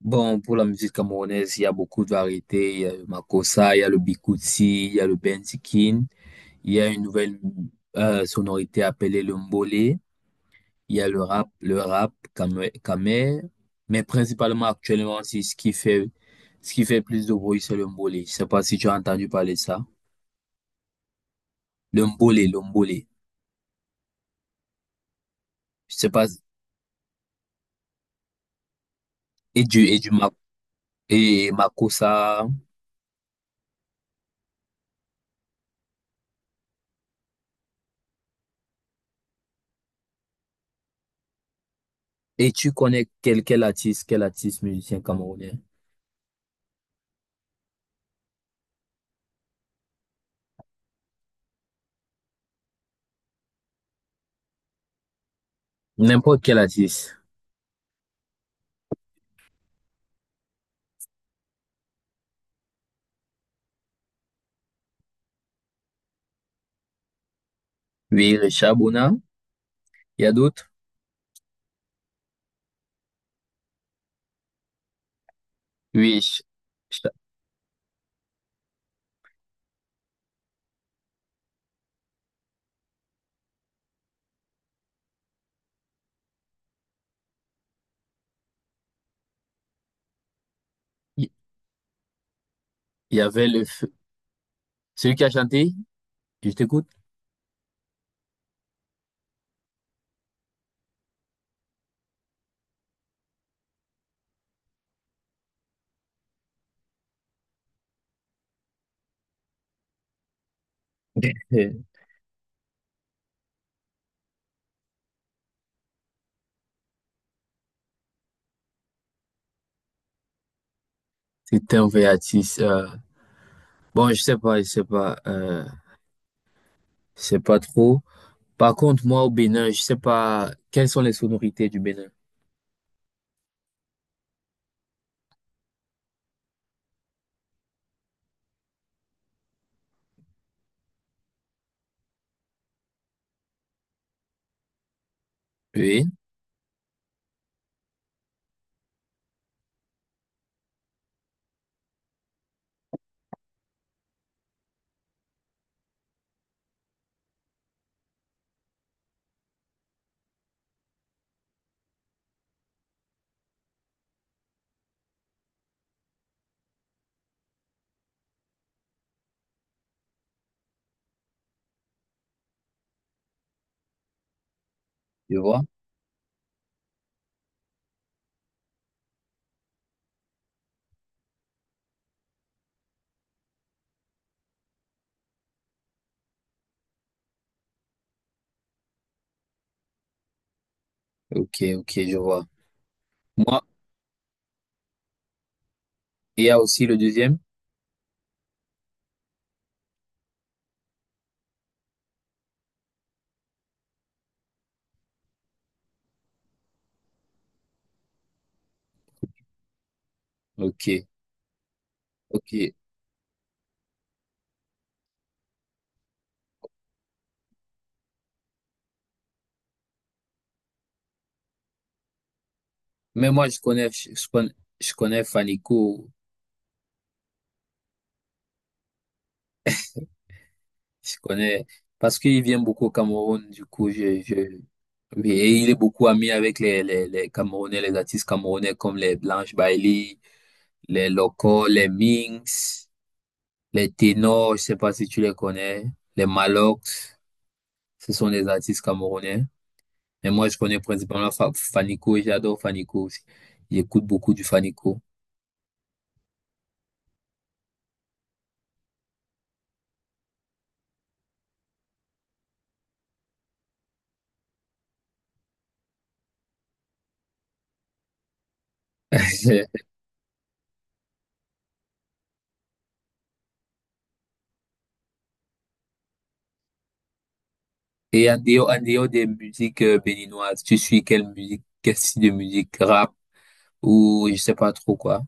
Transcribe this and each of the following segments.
Bon, pour la musique camerounaise, il y a beaucoup de variétés. Il y a le Makossa, il y a le Bikuti, il y a le Benzikin. Il y a une nouvelle sonorité appelée le Mbolé. Il y a le rap camé. Mais principalement actuellement, c'est ce qui fait plus de bruit, c'est le Mbolé. Je sais pas si tu as entendu parler de ça. Le Mbolé, le Mbolé. Je sais pas. Et du, et du Ma- et Makossa. Et tu connais quel artiste musicien camerounais? N'importe quel artiste. Oui, Richard Bonin. Il y a d'autres? Oui, je- je- il y avait le feu. Celui qui a chanté, je t'écoute. Euh, C'était un vrai artiste. Bon, je sais pas, je sais pas, euh, je sais pas trop. Par contre, moi, au Bénin, je sais pas quelles sont les sonorités du Bénin. Oui, je vois. Ok, ok, je vois. Moi, il y a aussi le deuxième. Ok, ok. Mais moi, je connais, je connais Fanico. Je connais, parce qu'il vient beaucoup au Cameroun, du coup, oui, et il est beaucoup ami avec les Camerounais, les artistes camerounais comme les Blanche Bailey, les Locos, les Minx, les Ténors, je sais pas si tu les connais, les Malox, ce sont des artistes camerounais. Mais moi, je connais principalement Fanico, et j'adore Fanico aussi. J'écoute beaucoup du Fanico. Et en dehors des musiques béninoises, tu suis quelle musique, quel style de musique, rap ou je sais pas trop quoi?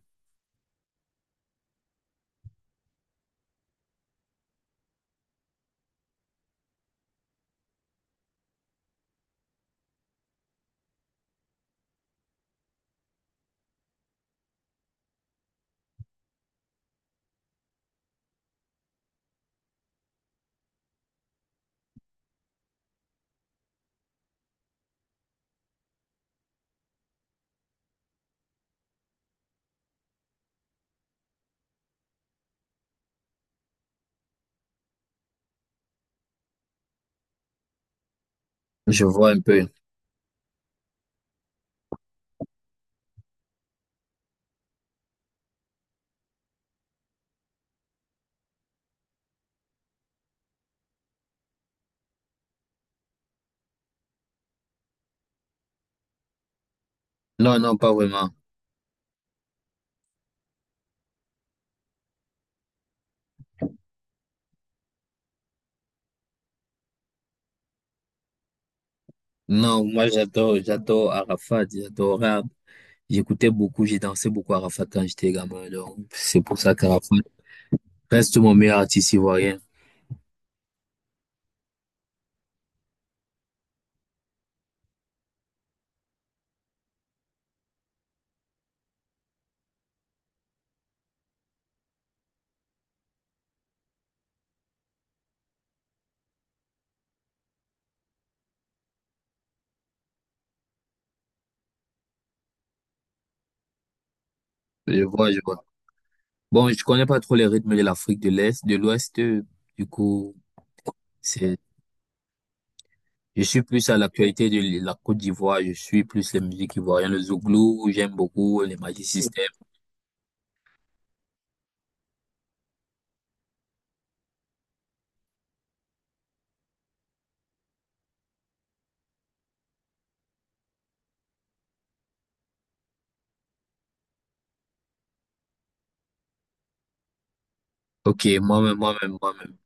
Je vois un peu. Non, non, pas vraiment. Non, moi j'adore, j'adore Arafat, j'adore. J'écoutais beaucoup, j'ai dansé beaucoup Arafat quand j'étais gamin. Donc, c'est pour ça qu'Arafat reste mon meilleur artiste ivoirien. Je vois, je vois. Bon, je connais pas trop les rythmes de l'Afrique de l'Est, de l'Ouest. Du coup, c'est, je suis plus à l'actualité de la Côte d'Ivoire. Je suis plus les musiques ivoiriennes, le Zouglou, j'aime beaucoup les Magic System. Ok, moi-même, moi-même, moi-même.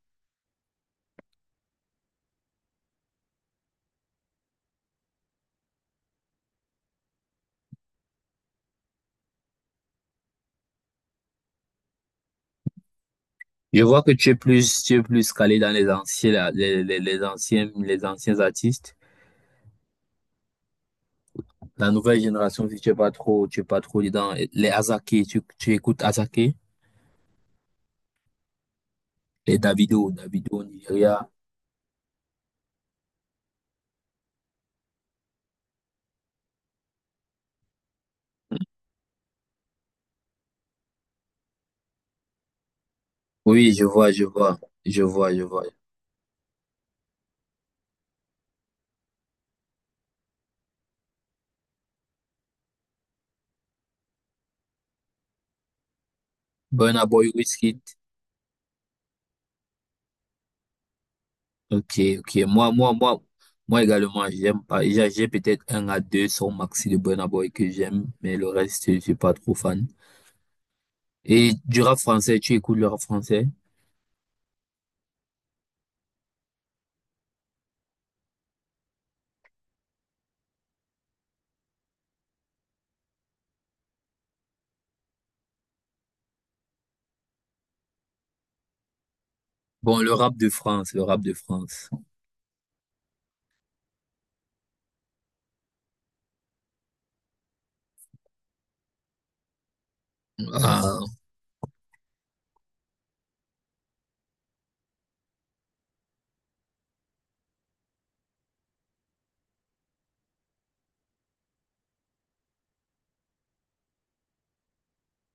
Je vois que tu es plus calé dans les anciens, là, les anciens artistes. La nouvelle génération, si tu es pas trop dedans. Les Asaké, tu écoutes Asaké, les Davido, Davido Nigeria. Oui, je vois, je vois. Burna Boy, Wizkid. Ok, ok. Moi également, j'aime pas. J'ai peut-être un à deux sons maxi de Burna Boy que j'aime, mais le reste, je suis pas trop fan. Et du rap français, tu écoutes le rap français? Bon, le rap de France. Ah,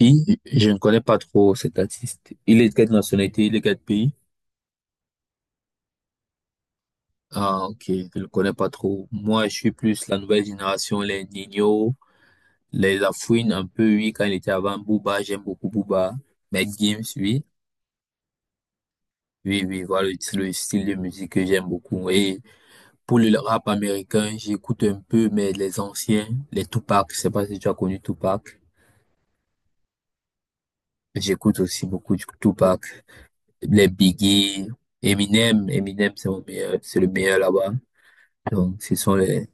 si, je ne connais pas trop cet artiste. Il est de quelle nationalité, il est de quel pays? Ah, ok, je ne connais pas trop. Moi, je suis plus la nouvelle génération, les Nino, les Lafouine, un peu, oui, quand il était avant Booba, j'aime beaucoup Booba. Mais Games, oui. Oui, oui, voilà le style de musique que j'aime beaucoup. Et pour le rap américain, j'écoute un peu, mais les anciens, les Tupac, je sais pas si tu as connu Tupac. J'écoute aussi beaucoup du Tupac. Les Biggie, Eminem, c'est le meilleur là-bas. Donc ce sont les,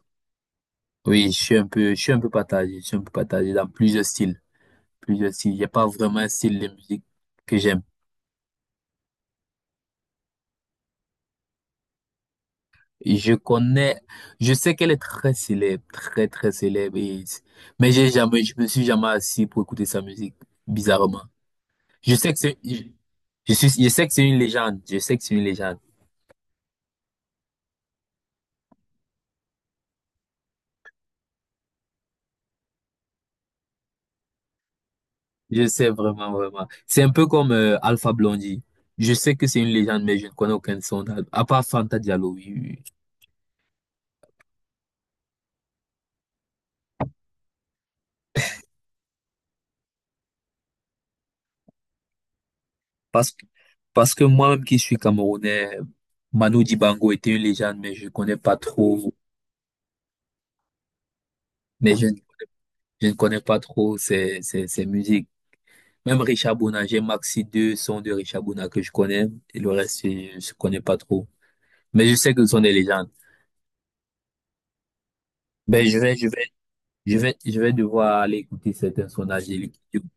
oui, je suis un peu partagé, je suis un peu partagé dans plusieurs styles, plusieurs styles. Il a pas vraiment un style de musique que j'aime. Je connais, je sais qu'elle est très célèbre, très très célèbre, mais j'ai jamais, je me suis jamais assis pour écouter sa musique, bizarrement. Je sais que c'est, je, je sais que c'est une légende, je sais que c'est une légende. Je sais vraiment, vraiment. C'est un peu comme Alpha Blondie. Je sais que c'est une légende, mais je ne connais aucun de son album, à part Fanta Diallo, oui, oui, oui. Parce que, parce que moi-même qui suis Camerounais, Manu Dibango était une légende, mais je ne connais pas trop, mais je, je ne connais pas trop ses musiques. Même Richard Bona, j'ai maxi deux sons de Richard Bona que je connais, et le reste, je ne connais pas trop. Mais je sais que ce sont des légendes. Ben, je vais, je vais, je vais devoir aller écouter certains sondages. D'accord,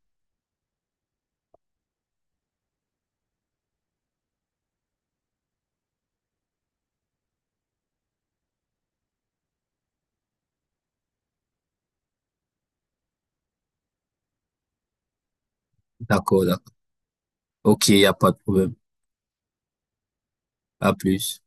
d'accord. Ok, il n'y a pas de problème. À plus.